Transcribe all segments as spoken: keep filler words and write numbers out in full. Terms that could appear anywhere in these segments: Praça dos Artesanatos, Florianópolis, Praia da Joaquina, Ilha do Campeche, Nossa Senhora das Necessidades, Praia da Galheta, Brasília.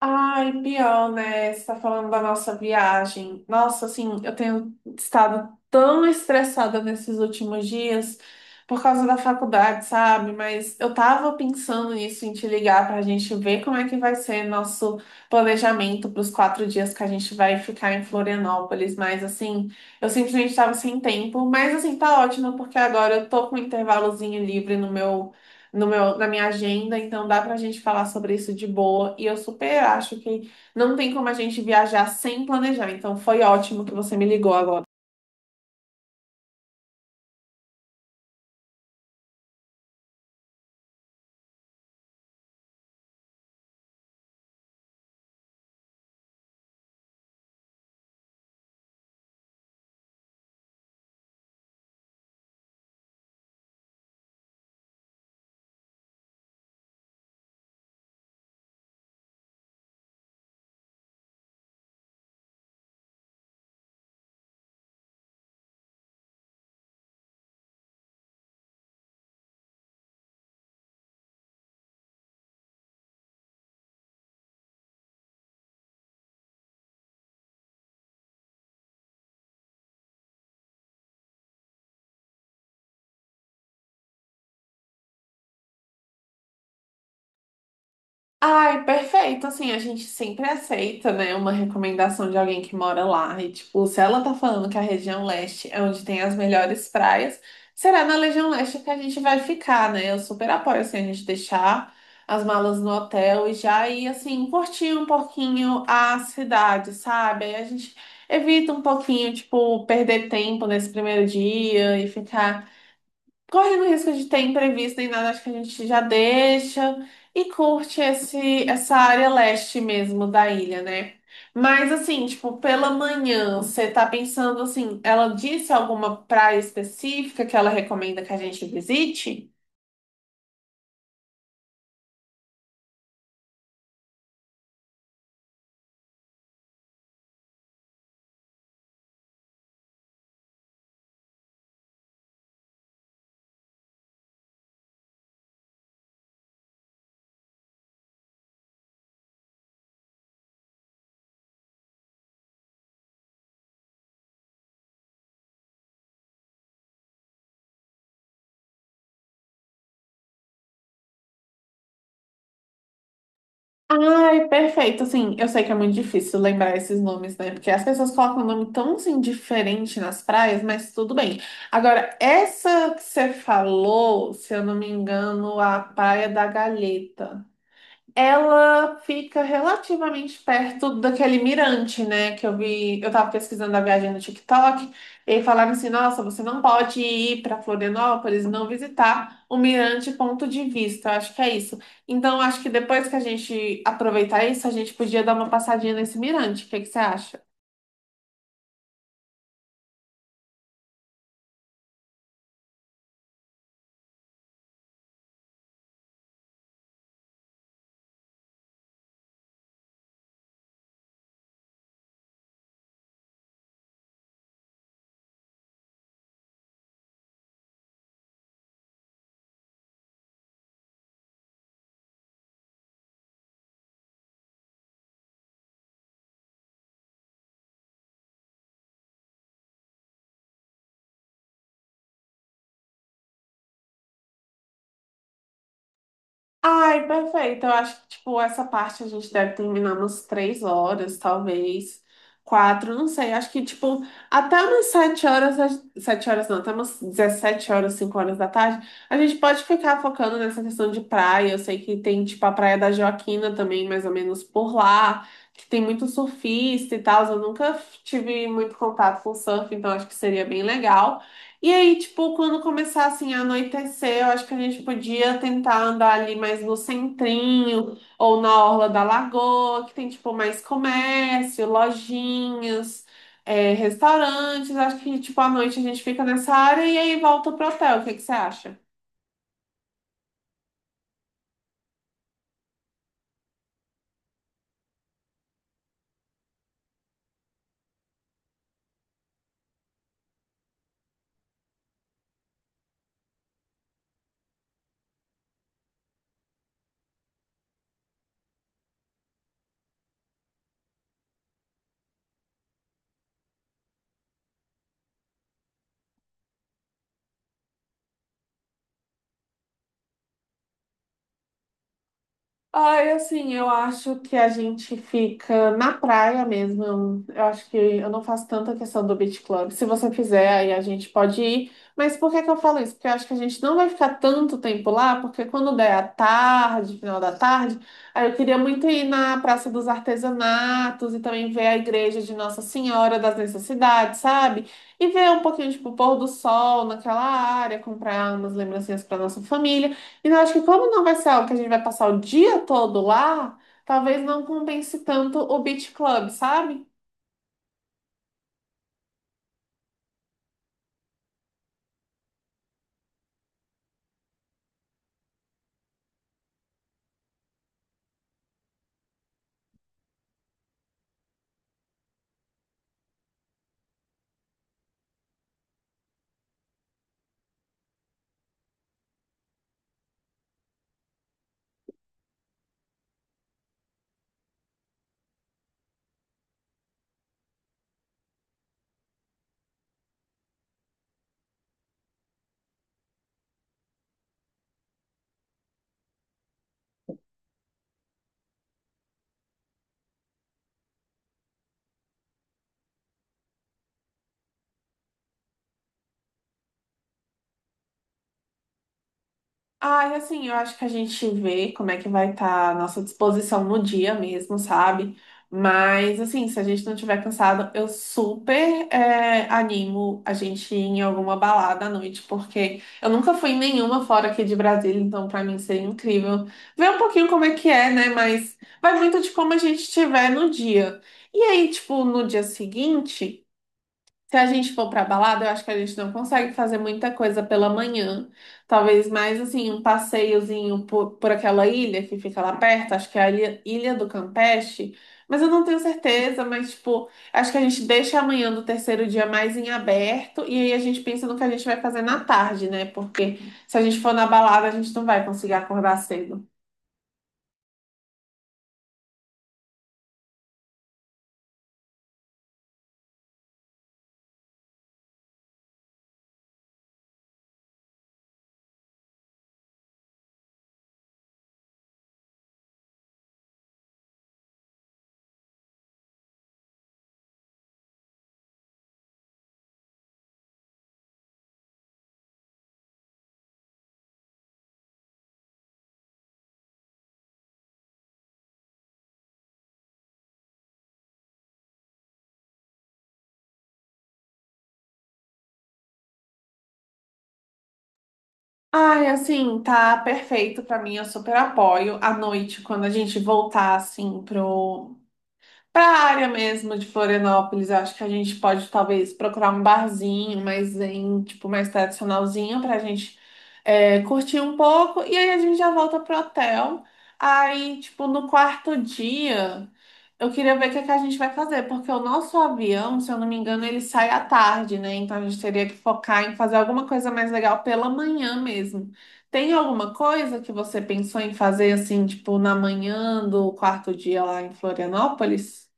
Ai, pior, né? Você tá falando da nossa viagem. Nossa, assim, eu tenho estado tão estressada nesses últimos dias por causa da faculdade, sabe? Mas eu tava pensando nisso, em te ligar pra gente ver como é que vai ser nosso planejamento para os quatro dias que a gente vai ficar em Florianópolis. Mas, assim, eu simplesmente tava sem tempo. Mas, assim, tá ótimo, porque agora eu tô com um intervalozinho livre no meu no meu, na minha agenda, então dá pra gente falar sobre isso de boa. E eu super acho que não tem como a gente viajar sem planejar. Então foi ótimo que você me ligou agora. Ai, perfeito. Assim, a gente sempre aceita, né, uma recomendação de alguém que mora lá. E, tipo, se ela tá falando que a região leste é onde tem as melhores praias, será na região leste que a gente vai ficar, né? Eu super apoio, assim, a gente deixar as malas no hotel e já ir, assim, curtir um pouquinho a cidade, sabe? Aí a gente evita um pouquinho, tipo, perder tempo nesse primeiro dia e ficar correndo o risco de ter imprevisto nem nada, acho que a gente já deixa e curte esse, essa área leste mesmo da ilha, né? Mas assim, tipo, pela manhã, você tá pensando assim, ela disse alguma praia específica que ela recomenda que a gente visite? Ai, perfeito. Assim, eu sei que é muito difícil lembrar esses nomes, né? Porque as pessoas colocam um nome tão assim diferente nas praias, mas tudo bem. Agora, essa que você falou, se eu não me engano, a Praia da Galheta. Ela fica relativamente perto daquele mirante, né? Que eu vi, eu tava pesquisando a viagem no TikTok, e aí falaram assim: nossa, você não pode ir para Florianópolis e não visitar o mirante ponto de vista. Eu acho que é isso. Então, eu acho que depois que a gente aproveitar isso, a gente podia dar uma passadinha nesse mirante. O que que você acha? Ai, perfeito. Eu acho que, tipo, essa parte a gente deve terminar umas três horas, talvez. Quatro, não sei. Acho que, tipo, até umas sete horas, a- sete horas não, até umas dezessete horas, cinco horas da tarde, a gente pode ficar focando nessa questão de praia. Eu sei que tem, tipo, a Praia da Joaquina também, mais ou menos por lá, que tem muito surfista e tal. Eu nunca tive muito contato com surf, então acho que seria bem legal. E aí, tipo, quando começar assim a anoitecer, eu acho que a gente podia tentar andar ali mais no centrinho ou na orla da lagoa, que tem tipo mais comércio, lojinhas, é, restaurantes. Acho que tipo à noite a gente fica nessa área e aí volta pro hotel. O que que você acha? Ai, assim, eu acho que a gente fica na praia mesmo. Eu eu acho que eu não faço tanta questão do beach club. Se você fizer, aí a gente pode ir. Mas por que que eu falo isso? Porque eu acho que a gente não vai ficar tanto tempo lá, porque quando der a tarde, final da tarde, aí eu queria muito ir na Praça dos Artesanatos e também ver a igreja de Nossa Senhora das Necessidades, sabe? E ver um pouquinho, tipo, o pôr do sol naquela área, comprar umas lembrancinhas para nossa família. E eu acho que como não vai ser algo que a gente vai passar o dia todo lá, talvez não compense tanto o Beach Club, sabe? Ai, assim, eu acho que a gente vê como é que vai estar a nossa disposição no dia mesmo, sabe? Mas, assim, se a gente não tiver cansado, eu super é, animo a gente ir em alguma balada à noite, porque eu nunca fui em nenhuma fora aqui de Brasília, então pra mim seria incrível ver um pouquinho como é que é, né? Mas vai muito de como a gente estiver no dia. E aí, tipo, no dia seguinte. Se a gente for pra balada, eu acho que a gente não consegue fazer muita coisa pela manhã. Talvez mais assim, um passeiozinho por, por aquela ilha que fica lá perto, acho que é a Ilha, Ilha do Campeche, mas eu não tenho certeza, mas tipo, acho que a gente deixa amanhã do terceiro dia mais em aberto e aí a gente pensa no que a gente vai fazer na tarde, né? Porque se a gente for na balada, a gente não vai conseguir acordar cedo. Ai, assim, tá perfeito pra mim, eu super apoio. À noite, quando a gente voltar, assim, pro, para a área mesmo de Florianópolis, eu acho que a gente pode talvez procurar um barzinho, mas em tipo mais tradicionalzinho para a gente é, curtir um pouco e aí a gente já volta pro hotel. Aí, tipo, no quarto dia, eu queria ver o que é que a gente vai fazer, porque o nosso avião, se eu não me engano, ele sai à tarde, né? Então a gente teria que focar em fazer alguma coisa mais legal pela manhã mesmo. Tem alguma coisa que você pensou em fazer assim, tipo, na manhã do quarto dia lá em Florianópolis?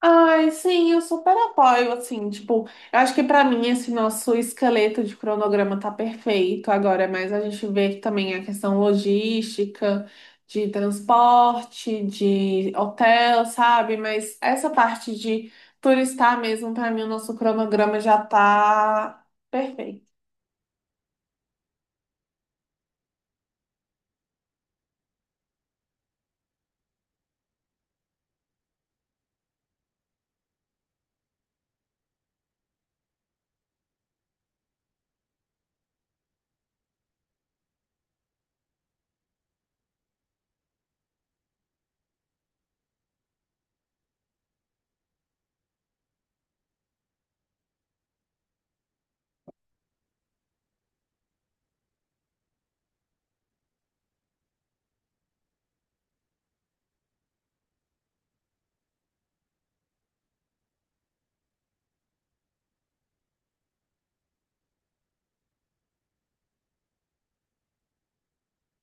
Ai, sim, eu super apoio, assim, tipo, eu acho que pra mim esse nosso esqueleto de cronograma tá perfeito agora, mas a gente vê que também a questão logística, de transporte, de hotel, sabe? Mas essa parte de turistar mesmo, pra mim o nosso cronograma já tá perfeito.